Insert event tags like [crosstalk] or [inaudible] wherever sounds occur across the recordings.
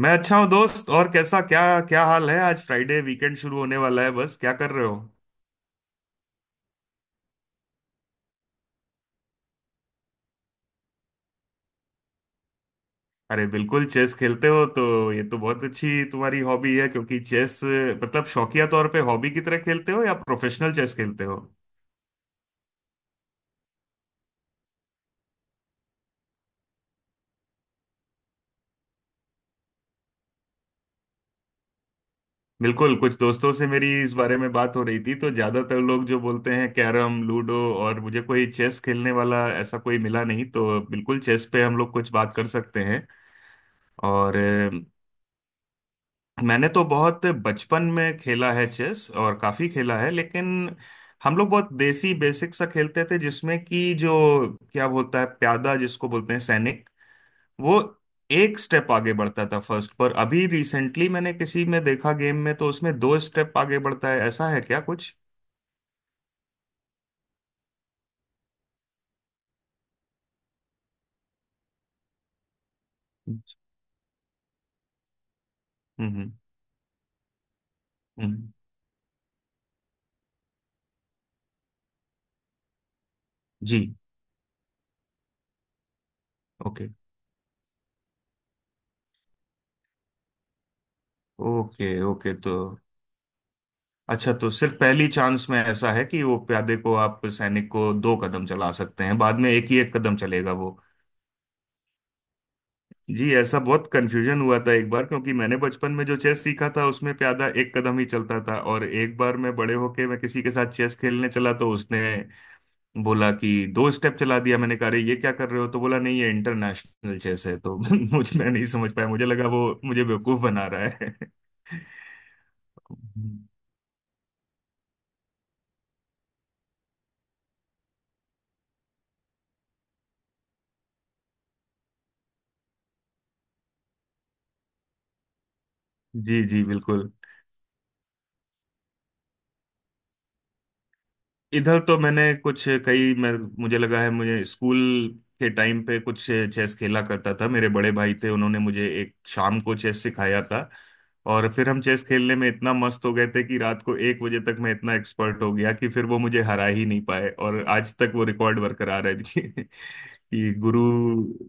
मैं अच्छा हूँ, दोस्त। और कैसा क्या? क्या हाल है? आज फ्राइडे, वीकेंड शुरू होने वाला है। बस क्या कर रहे हो? अरे बिल्कुल, चेस खेलते हो तो ये तो बहुत अच्छी तुम्हारी हॉबी है, क्योंकि चेस मतलब शौकिया तौर पे हॉबी की तरह खेलते हो या प्रोफेशनल चेस खेलते हो? बिल्कुल, कुछ दोस्तों से मेरी इस बारे में बात हो रही थी, तो ज्यादातर लोग जो बोलते हैं कैरम, लूडो, और मुझे कोई चेस खेलने वाला ऐसा कोई मिला नहीं। तो बिल्कुल चेस पे हम लोग कुछ बात कर सकते हैं। और मैंने तो बहुत बचपन में खेला है चेस, और काफी खेला है, लेकिन हम लोग बहुत देसी बेसिक सा खेलते थे, जिसमें कि जो क्या बोलता है, प्यादा जिसको बोलते हैं सैनिक, वो एक स्टेप आगे बढ़ता था फर्स्ट पर। अभी रिसेंटली मैंने किसी में देखा, गेम में, तो उसमें दो स्टेप आगे बढ़ता है। ऐसा है क्या कुछ? हम्म। हम्म। हम्म। जी। ओके ओके ओके, तो अच्छा तो सिर्फ पहली चांस में ऐसा है कि वो प्यादे को, आप सैनिक को, दो कदम चला सकते हैं। बाद में एक ही एक कदम चलेगा वो। जी, ऐसा बहुत कंफ्यूजन हुआ था एक बार, क्योंकि मैंने बचपन में जो चेस सीखा था उसमें प्यादा एक कदम ही चलता था, और एक बार मैं बड़े होके मैं किसी के साथ चेस खेलने चला तो उसने बोला कि दो स्टेप चला दिया। मैंने कहा अरे ये क्या कर रहे हो? तो बोला नहीं, ये इंटरनेशनल चेस है। तो [laughs] मुझे मैं नहीं समझ पाया, मुझे लगा वो मुझे बेवकूफ बना रहा है। [laughs] जी जी, बिल्कुल। इधर तो मैंने कुछ कई मैं, मुझे लगा है, मुझे स्कूल के टाइम पे कुछ चेस खेला करता था। मेरे बड़े भाई थे, उन्होंने मुझे एक शाम को चेस सिखाया था, और फिर हम चेस खेलने में इतना मस्त हो गए थे कि रात को 1 बजे तक मैं इतना एक्सपर्ट हो गया कि फिर वो मुझे हरा ही नहीं पाए, और आज तक वो रिकॉर्ड बरकरार है। [laughs] कि गुरु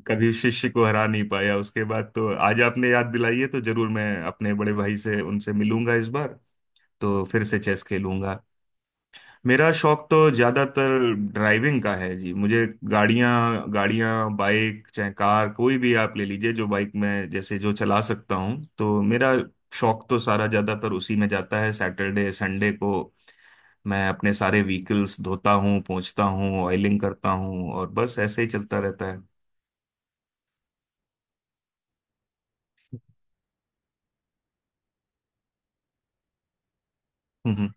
कभी शिष्य को हरा नहीं पाया उसके बाद। तो आज आपने याद दिलाई है, तो जरूर मैं अपने बड़े भाई से, उनसे मिलूंगा इस बार, तो फिर से चेस खेलूंगा। मेरा शौक तो ज्यादातर ड्राइविंग का है जी। मुझे गाड़ियां, गाड़ियां, बाइक, चाहे कार, कोई भी आप ले लीजिए, जो बाइक में जैसे जो चला सकता हूँ, तो मेरा शौक तो सारा ज्यादातर उसी में जाता है। सैटरडे संडे को मैं अपने सारे व्हीकल्स धोता हूँ, पोंछता हूँ, ऑयलिंग करता हूँ, और बस ऐसे ही चलता रहता है। हम्म।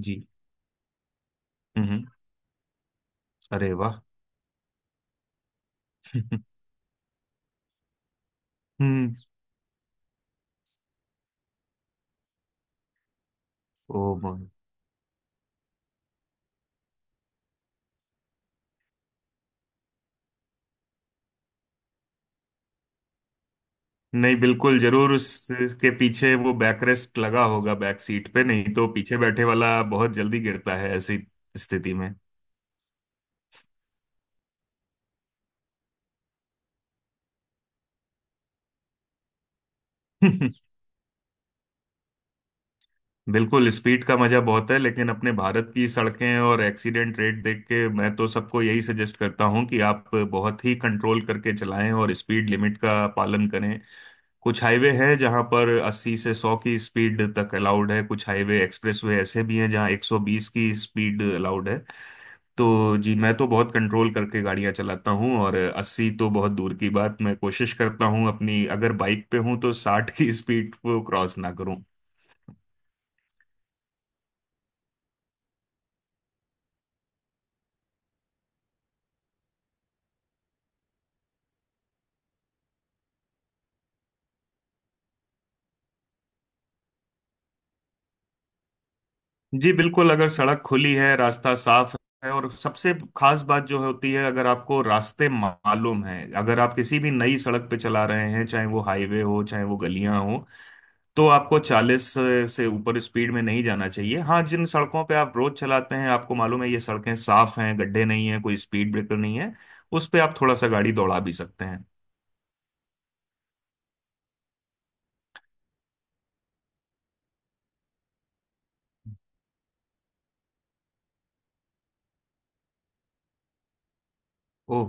जी। हम्म। अरे वाह। [laughs] हम्म। ओ। नहीं, बिल्कुल जरूर उसके पीछे वो बैकरेस्ट लगा होगा बैक सीट पे, नहीं तो पीछे बैठे वाला बहुत जल्दी गिरता है ऐसी स्थिति में। [laughs] बिल्कुल, स्पीड का मजा बहुत है, लेकिन अपने भारत की सड़कें और एक्सीडेंट रेट देख के मैं तो सबको यही सजेस्ट करता हूं कि आप बहुत ही कंट्रोल करके चलाएं और स्पीड लिमिट का पालन करें। कुछ हाईवे हैं जहां पर 80 से 100 की स्पीड तक अलाउड है। कुछ हाईवे एक्सप्रेसवे ऐसे भी हैं जहां 120 की स्पीड अलाउड है। तो जी, मैं तो बहुत कंट्रोल करके गाड़ियां चलाता हूँ, और 80 तो बहुत दूर की बात, मैं कोशिश करता हूँ अपनी, अगर बाइक पे हूँ तो 60 की स्पीड को क्रॉस ना करूँ। जी बिल्कुल, अगर सड़क खुली है, रास्ता साफ है, और सबसे खास बात जो होती है, अगर आपको रास्ते मालूम है। अगर आप किसी भी नई सड़क पे चला रहे हैं, चाहे वो हाईवे हो चाहे वो गलियां हो, तो आपको 40 से ऊपर स्पीड में नहीं जाना चाहिए। हाँ, जिन सड़कों पे आप रोज चलाते हैं, आपको मालूम है ये सड़कें साफ हैं, गड्ढे नहीं हैं, कोई स्पीड ब्रेकर नहीं है, उस पे आप थोड़ा सा गाड़ी दौड़ा भी सकते हैं। ओह।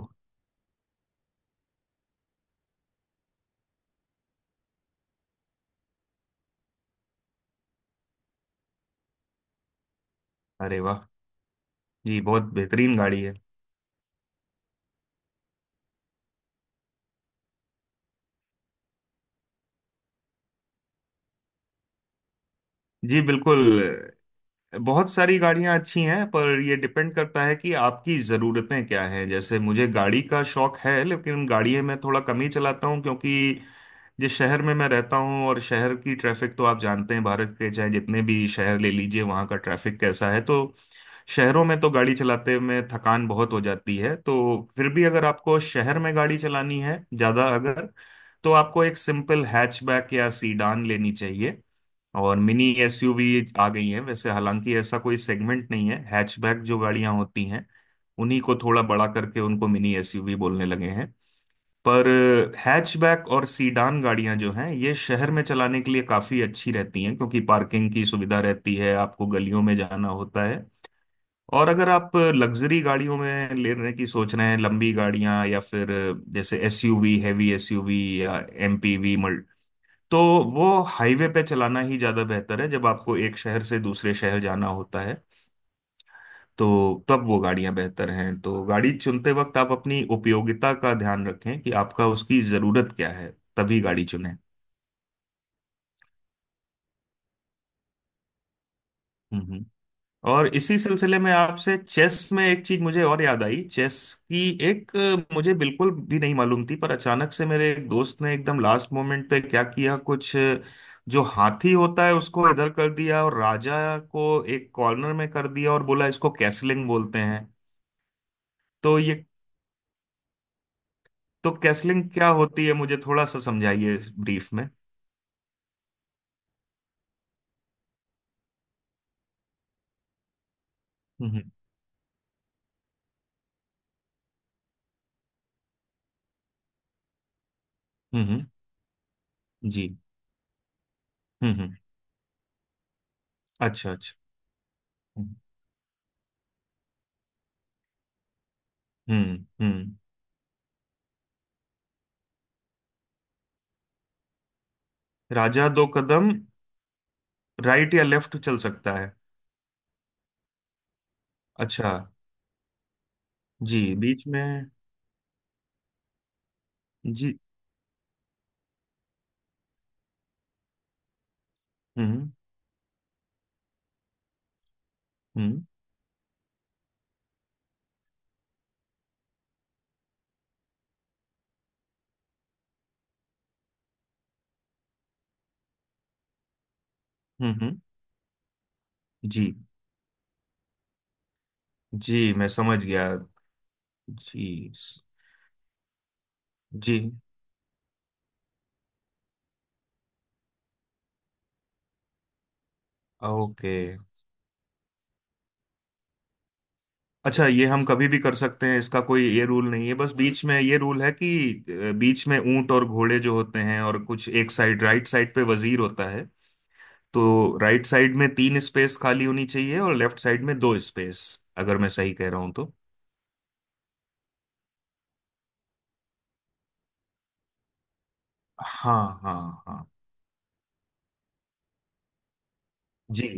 अरे वाह। जी, बहुत बेहतरीन गाड़ी है। जी बिल्कुल, बहुत सारी गाड़ियां अच्छी हैं, पर ये डिपेंड करता है कि आपकी ज़रूरतें क्या हैं। जैसे मुझे गाड़ी का शौक है लेकिन गाड़ी में थोड़ा कम ही चलाता हूँ, क्योंकि जिस शहर में मैं रहता हूँ और शहर की ट्रैफिक, तो आप जानते हैं भारत के चाहे जितने भी शहर ले लीजिए वहाँ का ट्रैफिक कैसा है। तो शहरों में तो गाड़ी चलाते में थकान बहुत हो जाती है। तो फिर भी अगर आपको शहर में गाड़ी चलानी है ज़्यादा, अगर, तो आपको एक सिंपल हैचबैक या सीडान लेनी चाहिए। और मिनी एसयूवी आ गई है वैसे, हालांकि ऐसा कोई सेगमेंट नहीं है। हैचबैक जो गाड़ियां होती हैं उन्हीं को थोड़ा बड़ा करके उनको मिनी एसयूवी बोलने लगे हैं। पर हैचबैक और सीडान गाड़ियां जो हैं ये शहर में चलाने के लिए काफी अच्छी रहती हैं, क्योंकि पार्किंग की सुविधा रहती है, आपको गलियों में जाना होता है। और अगर आप लग्जरी गाड़ियों में लेने की सोच रहे हैं, लंबी गाड़ियां, या फिर जैसे एसयूवी, हैवी एसयूवी, या एमपीवी मल्ट, तो वो हाईवे पे चलाना ही ज्यादा बेहतर है, जब आपको एक शहर से दूसरे शहर जाना होता है। तो तब वो गाड़ियां बेहतर हैं। तो गाड़ी चुनते वक्त आप अपनी उपयोगिता का ध्यान रखें कि आपका उसकी जरूरत क्या है, तभी गाड़ी चुनें। हम्म। और इसी सिलसिले में आपसे, चेस में एक चीज मुझे और याद आई चेस की। एक मुझे बिल्कुल भी नहीं मालूम थी, पर अचानक से मेरे एक दोस्त ने एकदम लास्ट मोमेंट पे क्या किया, कुछ जो हाथी होता है उसको इधर कर दिया और राजा को एक कॉर्नर में कर दिया और बोला इसको कैसलिंग बोलते हैं। तो ये तो कैसलिंग क्या होती है मुझे थोड़ा सा समझाइए, ब्रीफ में। हम्म। हम्म। जी। हम्म। हम्म। अच्छा अच्छा। हम्म। हम्म। हम्म। राजा दो कदम राइट या लेफ्ट चल सकता है? अच्छा। जी, बीच में। जी। हम्म हम्म। हम्म। जी जी मैं समझ गया। जी जी ओके। अच्छा, ये हम कभी भी कर सकते हैं? इसका कोई ये रूल नहीं है? बस बीच में ये रूल है कि बीच में ऊंट और घोड़े जो होते हैं, और कुछ एक साइड राइट साइड पे वजीर होता है। तो राइट साइड में तीन स्पेस खाली होनी चाहिए, और लेफ्ट साइड में दो स्पेस, अगर मैं सही कह रहा हूं तो। हाँ हाँ हाँ। जी।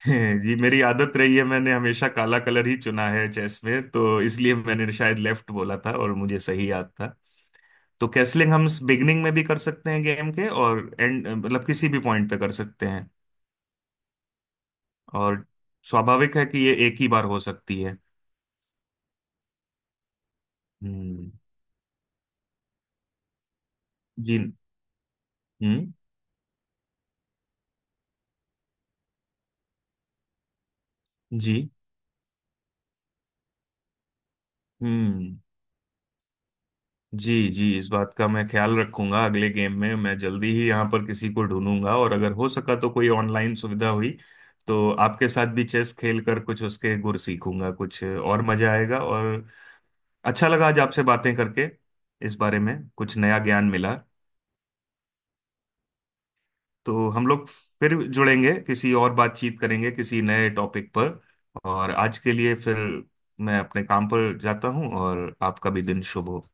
[laughs] जी, मेरी आदत रही है, मैंने हमेशा काला कलर ही चुना है चेस में, तो इसलिए मैंने शायद लेफ्ट बोला था और मुझे सही याद था। तो कैसलिंग हम बिगनिंग में भी कर सकते हैं गेम के, और एंड मतलब किसी भी पॉइंट पे कर सकते हैं। और स्वाभाविक है कि ये एक ही बार हो सकती है। हम्म। जी। हम्म। जी। हम्म। जी जी, इस बात का मैं ख्याल रखूंगा अगले गेम में। मैं जल्दी ही यहाँ पर किसी को ढूंढूंगा, और अगर हो सका तो कोई ऑनलाइन सुविधा हुई तो आपके साथ भी चेस खेल कर कुछ उसके गुर सीखूंगा, कुछ और मजा आएगा। और अच्छा लगा आज आपसे बातें करके, इस बारे में कुछ नया ज्ञान मिला। तो हम लोग फिर जुड़ेंगे, किसी और बातचीत करेंगे किसी नए टॉपिक पर। और आज के लिए फिर, मैं अपने काम पर जाता हूँ, और आपका भी दिन शुभ हो।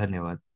धन्यवाद।